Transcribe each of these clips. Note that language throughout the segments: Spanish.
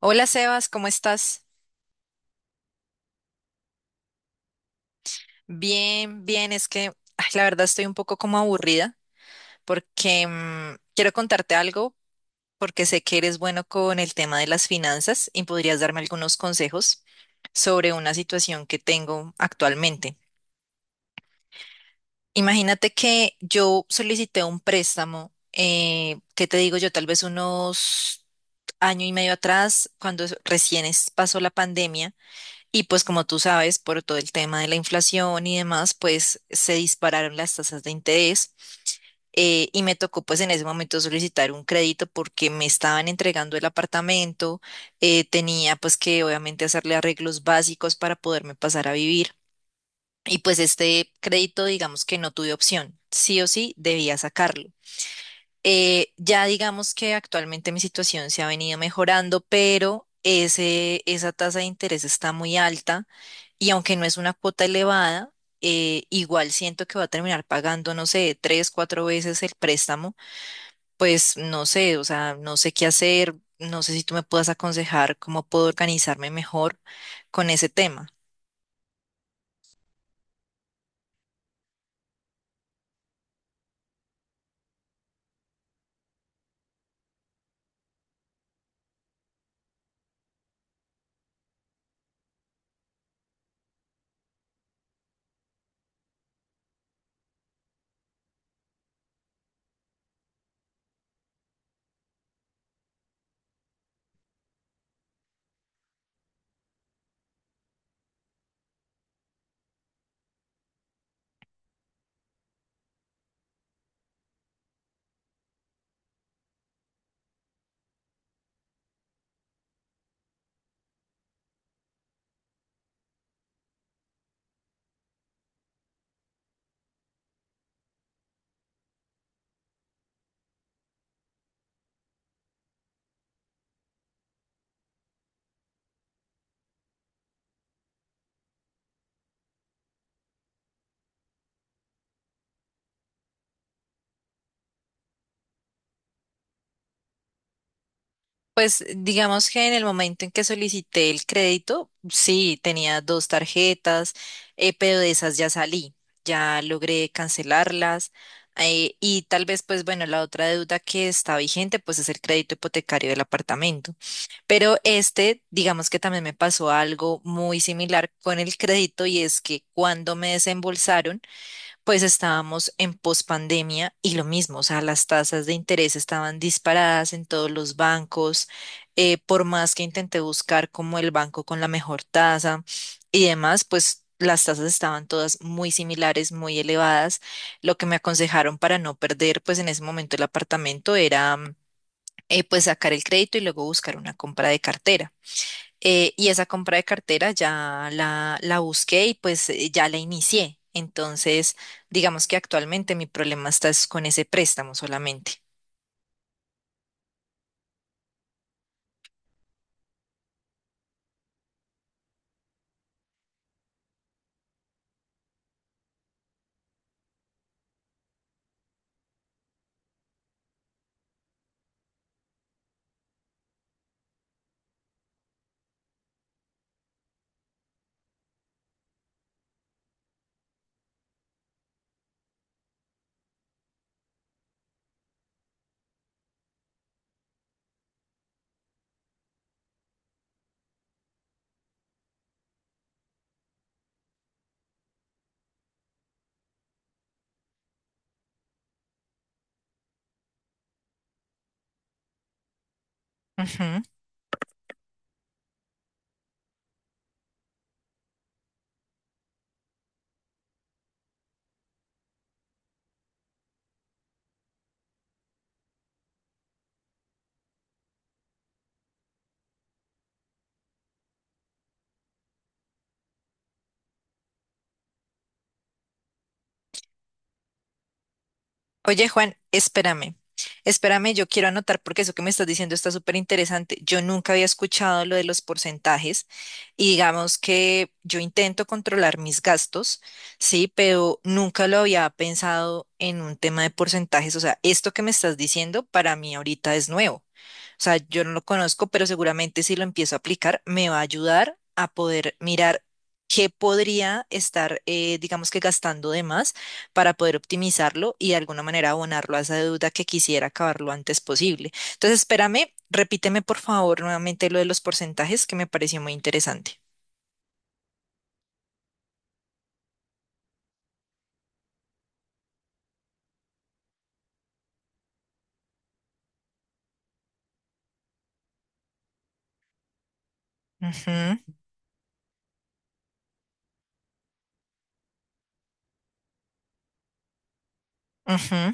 Hola Sebas, ¿cómo estás? Bien, bien, es que ay, la verdad estoy un poco como aburrida porque quiero contarte algo porque sé que eres bueno con el tema de las finanzas y podrías darme algunos consejos sobre una situación que tengo actualmente. Imagínate que yo solicité un préstamo, ¿qué te digo yo? Tal vez unos año y medio atrás, cuando recién pasó la pandemia. Y pues como tú sabes, por todo el tema de la inflación y demás, pues se dispararon las tasas de interés. Y me tocó pues en ese momento solicitar un crédito porque me estaban entregando el apartamento. Tenía pues que obviamente hacerle arreglos básicos para poderme pasar a vivir y pues este crédito, digamos que no tuve opción, sí o sí debía sacarlo. Ya digamos que actualmente mi situación se ha venido mejorando, pero esa tasa de interés está muy alta y aunque no es una cuota elevada, igual siento que va a terminar pagando, no sé, tres, cuatro veces el préstamo. Pues no sé, o sea, no sé qué hacer, no sé si tú me puedas aconsejar cómo puedo organizarme mejor con ese tema. Pues digamos que en el momento en que solicité el crédito, sí, tenía dos tarjetas, pero de esas ya salí, ya logré cancelarlas. Y tal vez, pues bueno, la otra deuda que está vigente, pues es el crédito hipotecario del apartamento. Pero este, digamos que también me pasó algo muy similar con el crédito, y es que cuando me desembolsaron, pues estábamos en pospandemia y lo mismo, o sea, las tasas de interés estaban disparadas en todos los bancos. Por más que intenté buscar como el banco con la mejor tasa y demás, pues las tasas estaban todas muy similares, muy elevadas. Lo que me aconsejaron para no perder, pues en ese momento el apartamento, era, pues sacar el crédito y luego buscar una compra de cartera. Y esa compra de cartera ya la busqué, y pues ya la inicié. Entonces, digamos que actualmente mi problema está es con ese préstamo solamente. Ujú. Oye, Juan, espérame, espérame, yo quiero anotar porque eso que me estás diciendo está súper interesante. Yo nunca había escuchado lo de los porcentajes, y digamos que yo intento controlar mis gastos, sí, pero nunca lo había pensado en un tema de porcentajes. O sea, esto que me estás diciendo, para mí ahorita es nuevo. O sea, yo no lo conozco, pero seguramente si lo empiezo a aplicar me va a ayudar a poder mirar qué podría estar, digamos que gastando de más, para poder optimizarlo y de alguna manera abonarlo a esa deuda que quisiera acabar lo antes posible. Entonces, espérame, repíteme por favor nuevamente lo de los porcentajes que me pareció muy interesante. Ujú, ujú.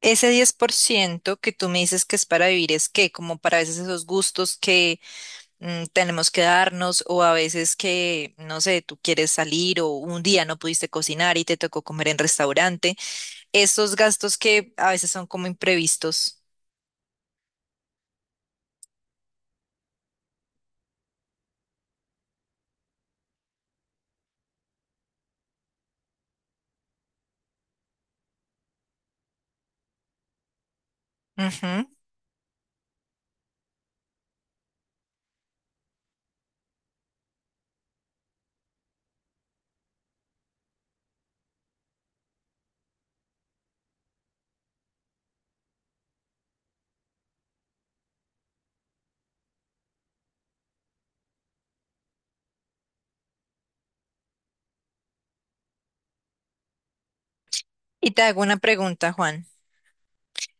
Ese 10% que tú me dices que es para vivir, es que como para a veces esos gustos que tenemos que darnos, o a veces que, no sé, tú quieres salir o un día no pudiste cocinar y te tocó comer en restaurante, esos gastos que a veces son como imprevistos. Ujú. Y te hago una pregunta, Juan.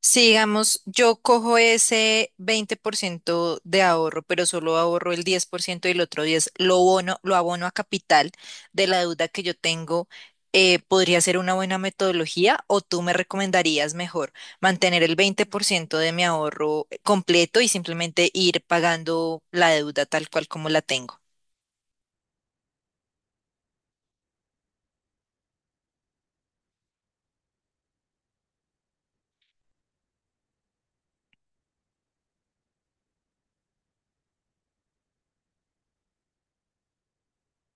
Si digamos, yo cojo ese 20% de ahorro, pero solo ahorro el 10% y el otro 10% lo abono a capital de la deuda que yo tengo, ¿podría ser una buena metodología, o tú me recomendarías mejor mantener el 20% de mi ahorro completo y simplemente ir pagando la deuda tal cual como la tengo?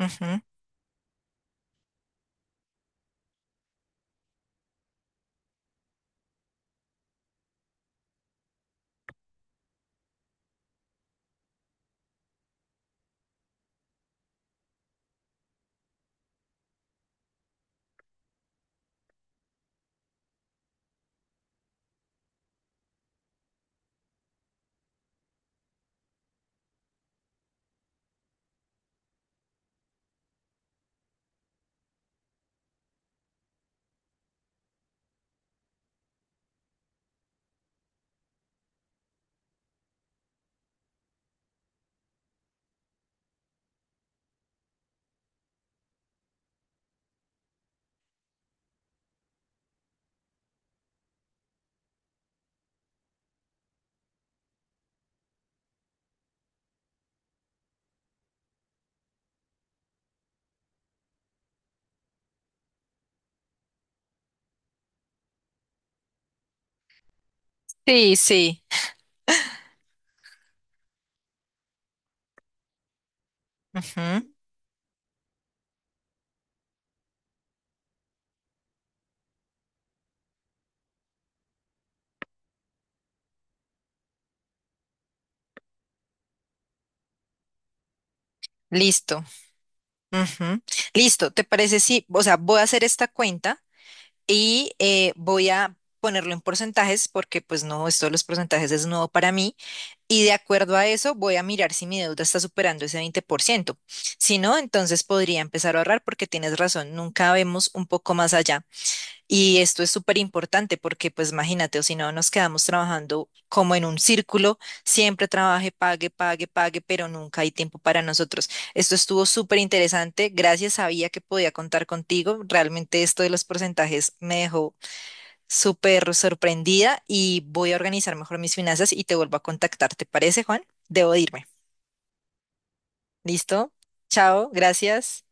Ujú. Sí, sí. Ujú. Listo. Ujú. Listo. ¿Te parece? Sí, o sea, voy a hacer esta cuenta y voy a ponerlo en porcentajes, porque pues no, esto de los porcentajes es nuevo para mí, y de acuerdo a eso voy a mirar si mi deuda está superando ese 20%. Si no, entonces podría empezar a ahorrar, porque tienes razón, nunca vemos un poco más allá, y esto es súper importante, porque pues imagínate, o si no nos quedamos trabajando como en un círculo, siempre trabaje, pague, pague, pague, pero nunca hay tiempo para nosotros. Esto estuvo súper interesante, gracias, sabía que podía contar contigo. Realmente esto de los porcentajes me dejó súper sorprendida, y voy a organizar mejor mis finanzas y te vuelvo a contactar. ¿Te parece, Juan? Debo de irme. ¿Listo? Chao, gracias.